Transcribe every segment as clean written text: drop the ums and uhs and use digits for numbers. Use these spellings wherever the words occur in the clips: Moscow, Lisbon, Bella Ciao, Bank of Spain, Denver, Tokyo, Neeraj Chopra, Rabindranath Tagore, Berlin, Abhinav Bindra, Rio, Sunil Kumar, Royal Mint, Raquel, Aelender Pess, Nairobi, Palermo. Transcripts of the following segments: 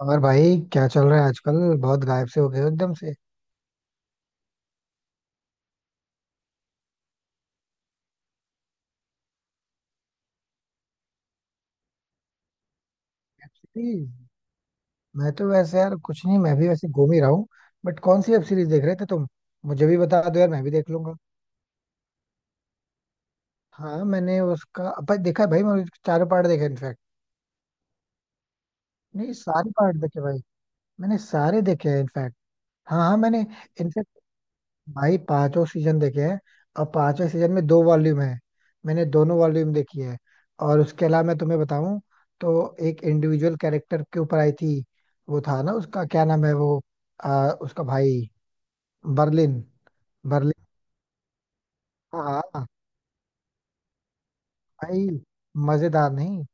और भाई क्या चल रहा है आजकल। बहुत गायब से हो गए हो एकदम से। Web series. मैं तो वैसे यार कुछ नहीं, मैं भी वैसे घूम ही रहा हूँ। बट कौन सी वेब सीरीज देख रहे थे तुम? मुझे भी बता दो यार, मैं भी देख लूंगा। हाँ मैंने उसका भाई देखा है, भाई मैंने उसके चारों पार्ट देखे इनफैक्ट। नहीं सारे पार्ट देखे भाई। मैंने सारे देखे हैं इनफैक्ट। हाँ हाँ, मैंने इनफैक्ट भाई पांचों सीजन देखे हैं। और पांचों सीजन में दो वॉल्यूम है। मैंने दोनों वॉल्यूम देखी है। और उसके अलावा मैं तुम्हें बताऊं, तो एक इंडिविजुअल कैरेक्टर के ऊपर आई थी। वो था ना, उसका क्या नाम है वो, उसका भाई बर्लिन। बर्लिन। हाँ हाँ। भाई मजेदार नहीं,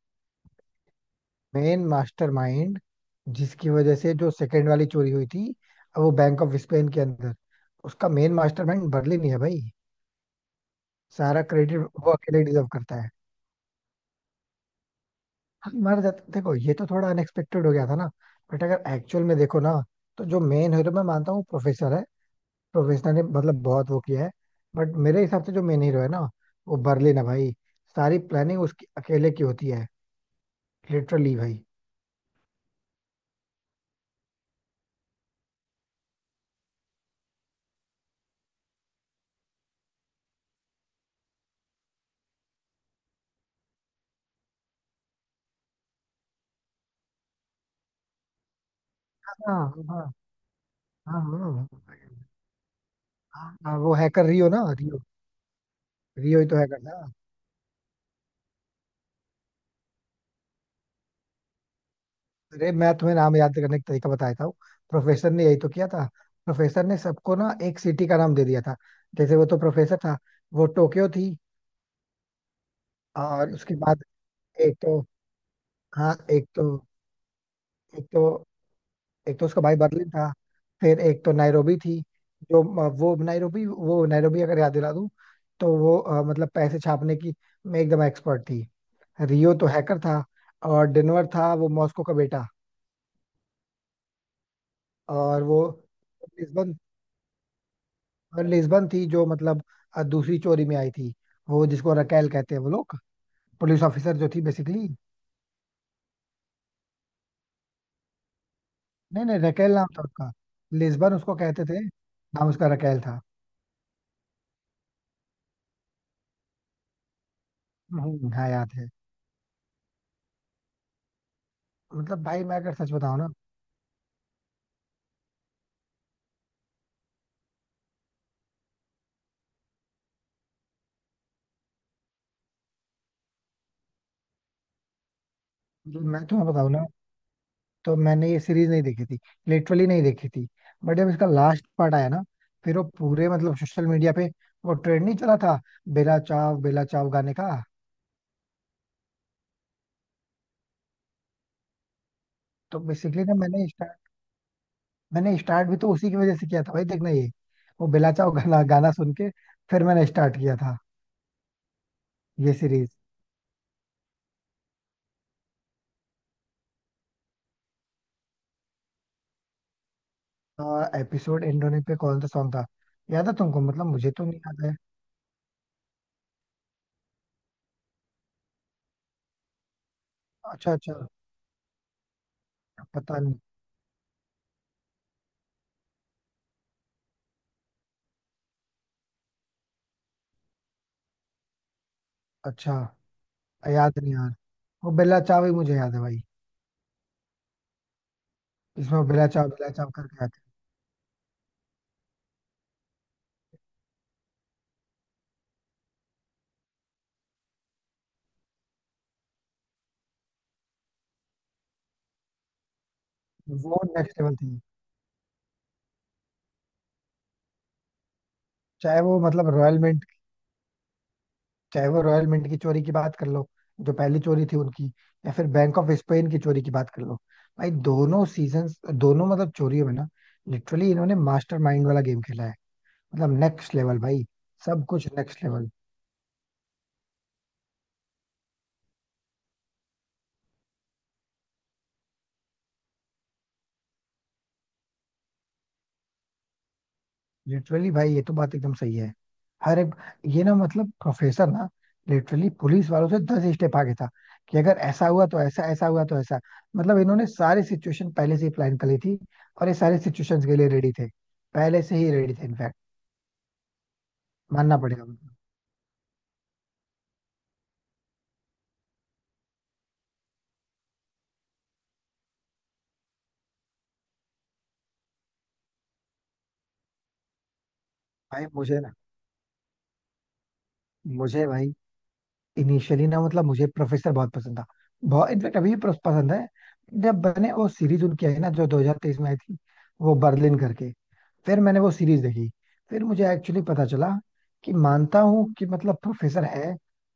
मेन मास्टरमाइंड। जिसकी वजह से जो सेकंड वाली चोरी हुई थी वो बैंक ऑफ स्पेन के अंदर, उसका मेन मास्टरमाइंड बर्लिन ही है भाई। सारा क्रेडिट वो अकेले डिजर्व करता है। हाँ, मर जाते देखो ये तो थोड़ा अनएक्सपेक्टेड हो गया था ना। बट अगर एक्चुअल में देखो ना, तो जो मेन हीरो मैं मानता हूँ प्रोफेसर है। प्रोफेसर ने मतलब बहुत वो किया है। बट मेरे हिसाब से जो मेन हीरो है ना, वो बर्लिन है भाई। सारी प्लानिंग उसकी अकेले की होती है। लिटरली भाई। हाँ हाँ। हाँ हाँ हाँ, हाँ, वो हैकर रियो ना, रियो। रियो ही तो हैकर था। अरे मैं तुम्हें नाम याद करने का तरीका बताया था। प्रोफेसर ने यही तो किया था। प्रोफेसर ने सबको ना एक सिटी का नाम दे दिया था। जैसे वो तो प्रोफेसर था, वो टोक्यो थी। और उसके बाद, एक तो हाँ एक तो एक तो एक तो उसका भाई बर्लिन था। फिर एक तो नैरोबी थी। जो वो नैरोबी वो नैरोबी अगर याद दिला दूं, तो वो मतलब पैसे छापने की में एकदम एक्सपर्ट थी। रियो तो हैकर था। और डेनवर था वो मॉस्को का बेटा। और वो लिस्बन, और लिस्बन थी जो मतलब दूसरी चोरी में आई थी। वो जिसको रकेल कहते हैं वो लोग, पुलिस ऑफिसर जो थी बेसिकली। नहीं नहीं, रकेल नाम था उसका। लिस्बन उसको कहते थे, नाम उसका रकेल था। हाँ याद है। मतलब भाई मैं अगर सच बताऊं ना मतलब मैं तुम्हें बताऊं ना, तो मैंने ये सीरीज नहीं देखी थी। लिटरली नहीं देखी थी। बट जब इसका लास्ट पार्ट आया ना, फिर वो पूरे मतलब सोशल मीडिया पे वो ट्रेंड नहीं चला था, बेला चाव गाने का। तो बेसिकली ना मैंने स्टार्ट भी तो उसी की वजह से किया था भाई देखना ये। वो बेला चाव गाना गाना सुन के, फिर मैंने स्टार्ट किया था ये सीरीज। एपिसोड एंड होने पे कौन सा सॉन्ग था? याद है तुमको? मतलब मुझे तो नहीं याद है। अच्छा अच्छा। पता नहीं। अच्छा। याद नहीं यार। वो बेला चाव ही मुझे याद है भाई। इसमें वो बेला चाव करके आते हैं। वो नेक्स्ट लेवल थी। चाहे वो मतलब रॉयल मिंट चाहे वो रॉयल मिंट की चोरी की बात कर लो, जो पहली चोरी थी उनकी, या फिर बैंक ऑफ स्पेन की चोरी की बात कर लो। भाई दोनों सीजन्स, दोनों मतलब चोरियों में ना लिटरली इन्होंने मास्टरमाइंड वाला गेम खेला है। मतलब नेक्स्ट लेवल भाई। सब कुछ नेक्स्ट लेवल। लिटरली भाई ये तो बात एकदम सही है। हर एक, ये ना मतलब प्रोफेसर ना लिटरली पुलिस वालों से दस स्टेप आगे था। कि अगर ऐसा हुआ तो ऐसा, ऐसा हुआ तो ऐसा। मतलब इन्होंने सारी सिचुएशन पहले से ही प्लान कर ली थी। और ये सारे सिचुएशंस के लिए रेडी थे, पहले से ही रेडी थे इनफैक्ट। मानना पड़ेगा उनको। भाई मुझे ना भाई इनिशियली ना मतलब मुझे प्रोफेसर बहुत पसंद था। बहुत इनफैक्ट अभी भी पसंद है। जब बने वो सीरीज उनकी आई ना जो 2023 में आई थी, वो बर्लिन करके, फिर मैंने वो सीरीज देखी। फिर मुझे एक्चुअली पता चला कि मानता हूँ कि मतलब प्रोफेसर है,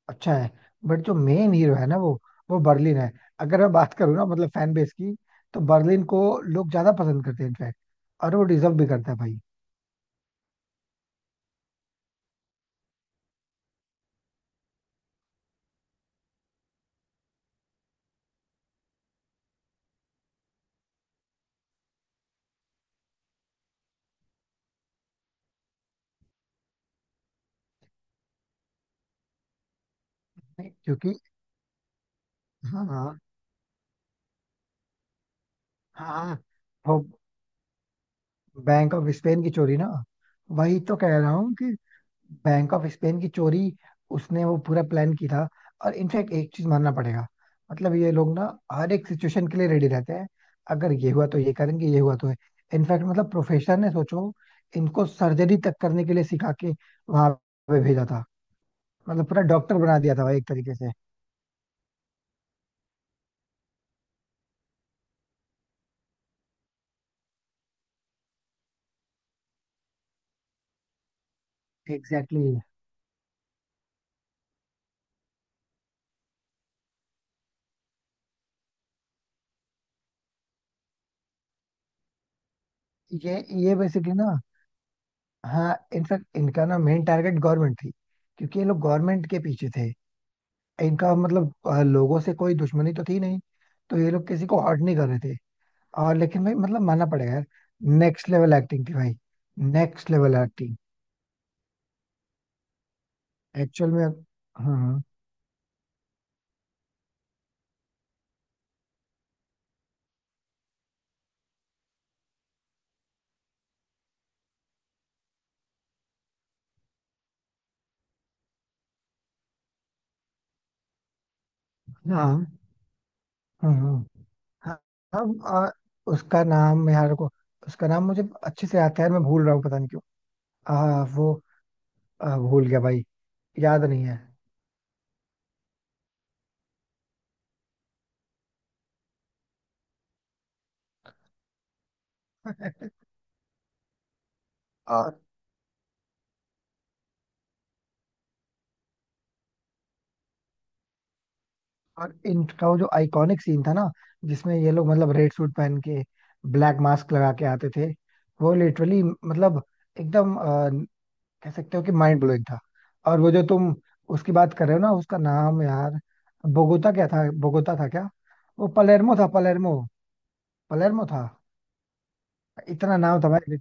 अच्छा है। बट जो मेन हीरो है ना, वो बर्लिन है। अगर मैं बात करूँ ना मतलब फैन बेस की, तो बर्लिन को लोग ज्यादा पसंद करते हैं इनफैक्ट। और वो डिजर्व भी करता है भाई। नहीं, क्योंकि हाँ हाँ हाँ वो बैंक ऑफ स्पेन की चोरी ना, वही तो कह रहा हूँ कि बैंक ऑफ स्पेन की चोरी उसने वो पूरा प्लान किया था। और इनफैक्ट एक चीज मानना पड़ेगा, मतलब ये लोग ना हर एक सिचुएशन के लिए रेडी रहते हैं। अगर ये हुआ तो ये करेंगे, ये हुआ तो है। इनफैक्ट मतलब प्रोफेसर ने सोचो, इनको सर्जरी तक करने के लिए सिखा के वहां पे भेजा था। मतलब पूरा डॉक्टर बना दिया था भाई एक तरीके से। Exactly exactly। ये ये बेसिकली ना, हाँ इनफैक्ट इनका ना मेन टारगेट गवर्नमेंट थी। क्योंकि ये लोग गवर्नमेंट के पीछे थे। इनका मतलब लोगों से कोई दुश्मनी तो थी नहीं। तो ये लोग किसी को हर्ट नहीं कर रहे थे। और लेकिन भाई मतलब मानना पड़ेगा यार। नेक्स्ट लेवल एक्टिंग थी भाई। Next level acting. एक्चुअल में हाँ। हाँ हाँ हाँ हाँ। हाँ, हाँ, उसका नाम यार को, उसका नाम मुझे अच्छे से आता है, मैं भूल रहा हूँ पता नहीं क्यों। आ, वो भूल गया भाई, याद नहीं है। और और इनका वो जो आइकॉनिक सीन था ना, जिसमें ये लोग मतलब रेड सूट पहन के ब्लैक मास्क लगा के आते थे, वो लिटरली मतलब एकदम कह सकते हो कि माइंड ब्लोइंग था। और वो जो तुम उसकी बात कर रहे हो ना, उसका नाम यार, बोगोता था क्या, वो पलेर्मो था, पलेर्मो, पलेर्मो था। इतना नाम था भाई।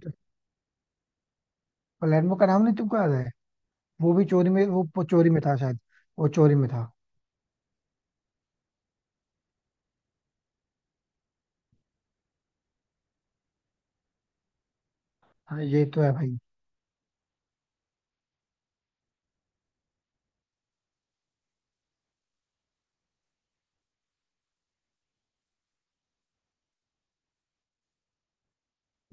पलेर्मो का नाम नहीं तुमको याद है? वो चोरी में था शायद, वो चोरी में था। हाँ ये तो है भाई।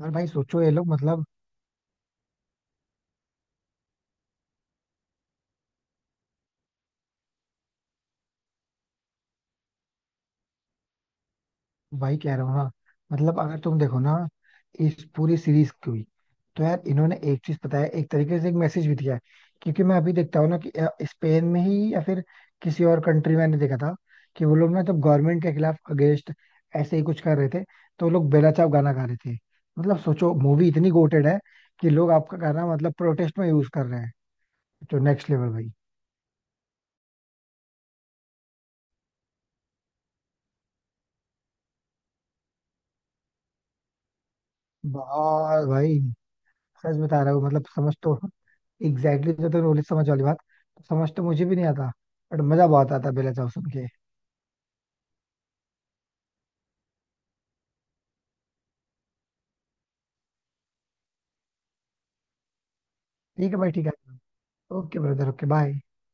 और भाई सोचो ये लोग मतलब, वही कह रहा हूँ हाँ। मतलब अगर तुम देखो ना इस पूरी सीरीज की हुई, तो यार इन्होंने एक चीज पता है, एक तरीके से एक मैसेज भी दिया है। क्योंकि मैं अभी देखता हूँ ना कि स्पेन में ही या फिर किसी और कंट्री में मैंने देखा था कि वो लोग ना जब गवर्नमेंट के खिलाफ अगेंस्ट ऐसे ही कुछ कर रहे थे, तो वो लोग बेला चाव गाना गा रहे थे। मतलब सोचो मूवी इतनी गोटेड है कि लोग आपका गाना मतलब प्रोटेस्ट में यूज कर रहे हैं। तो नेक्स्ट लेवल भाई। बहुत भाई सच बता रहा हूँ। मतलब समझ तो एग्जैक्टली exactly जो तो रोली समझ वाली बात, समझ तो मुझे भी नहीं आता। बट मजा बहुत आता बेला चाव सुन के। ठीक है भाई ठीक है। Okay brother, okay bye.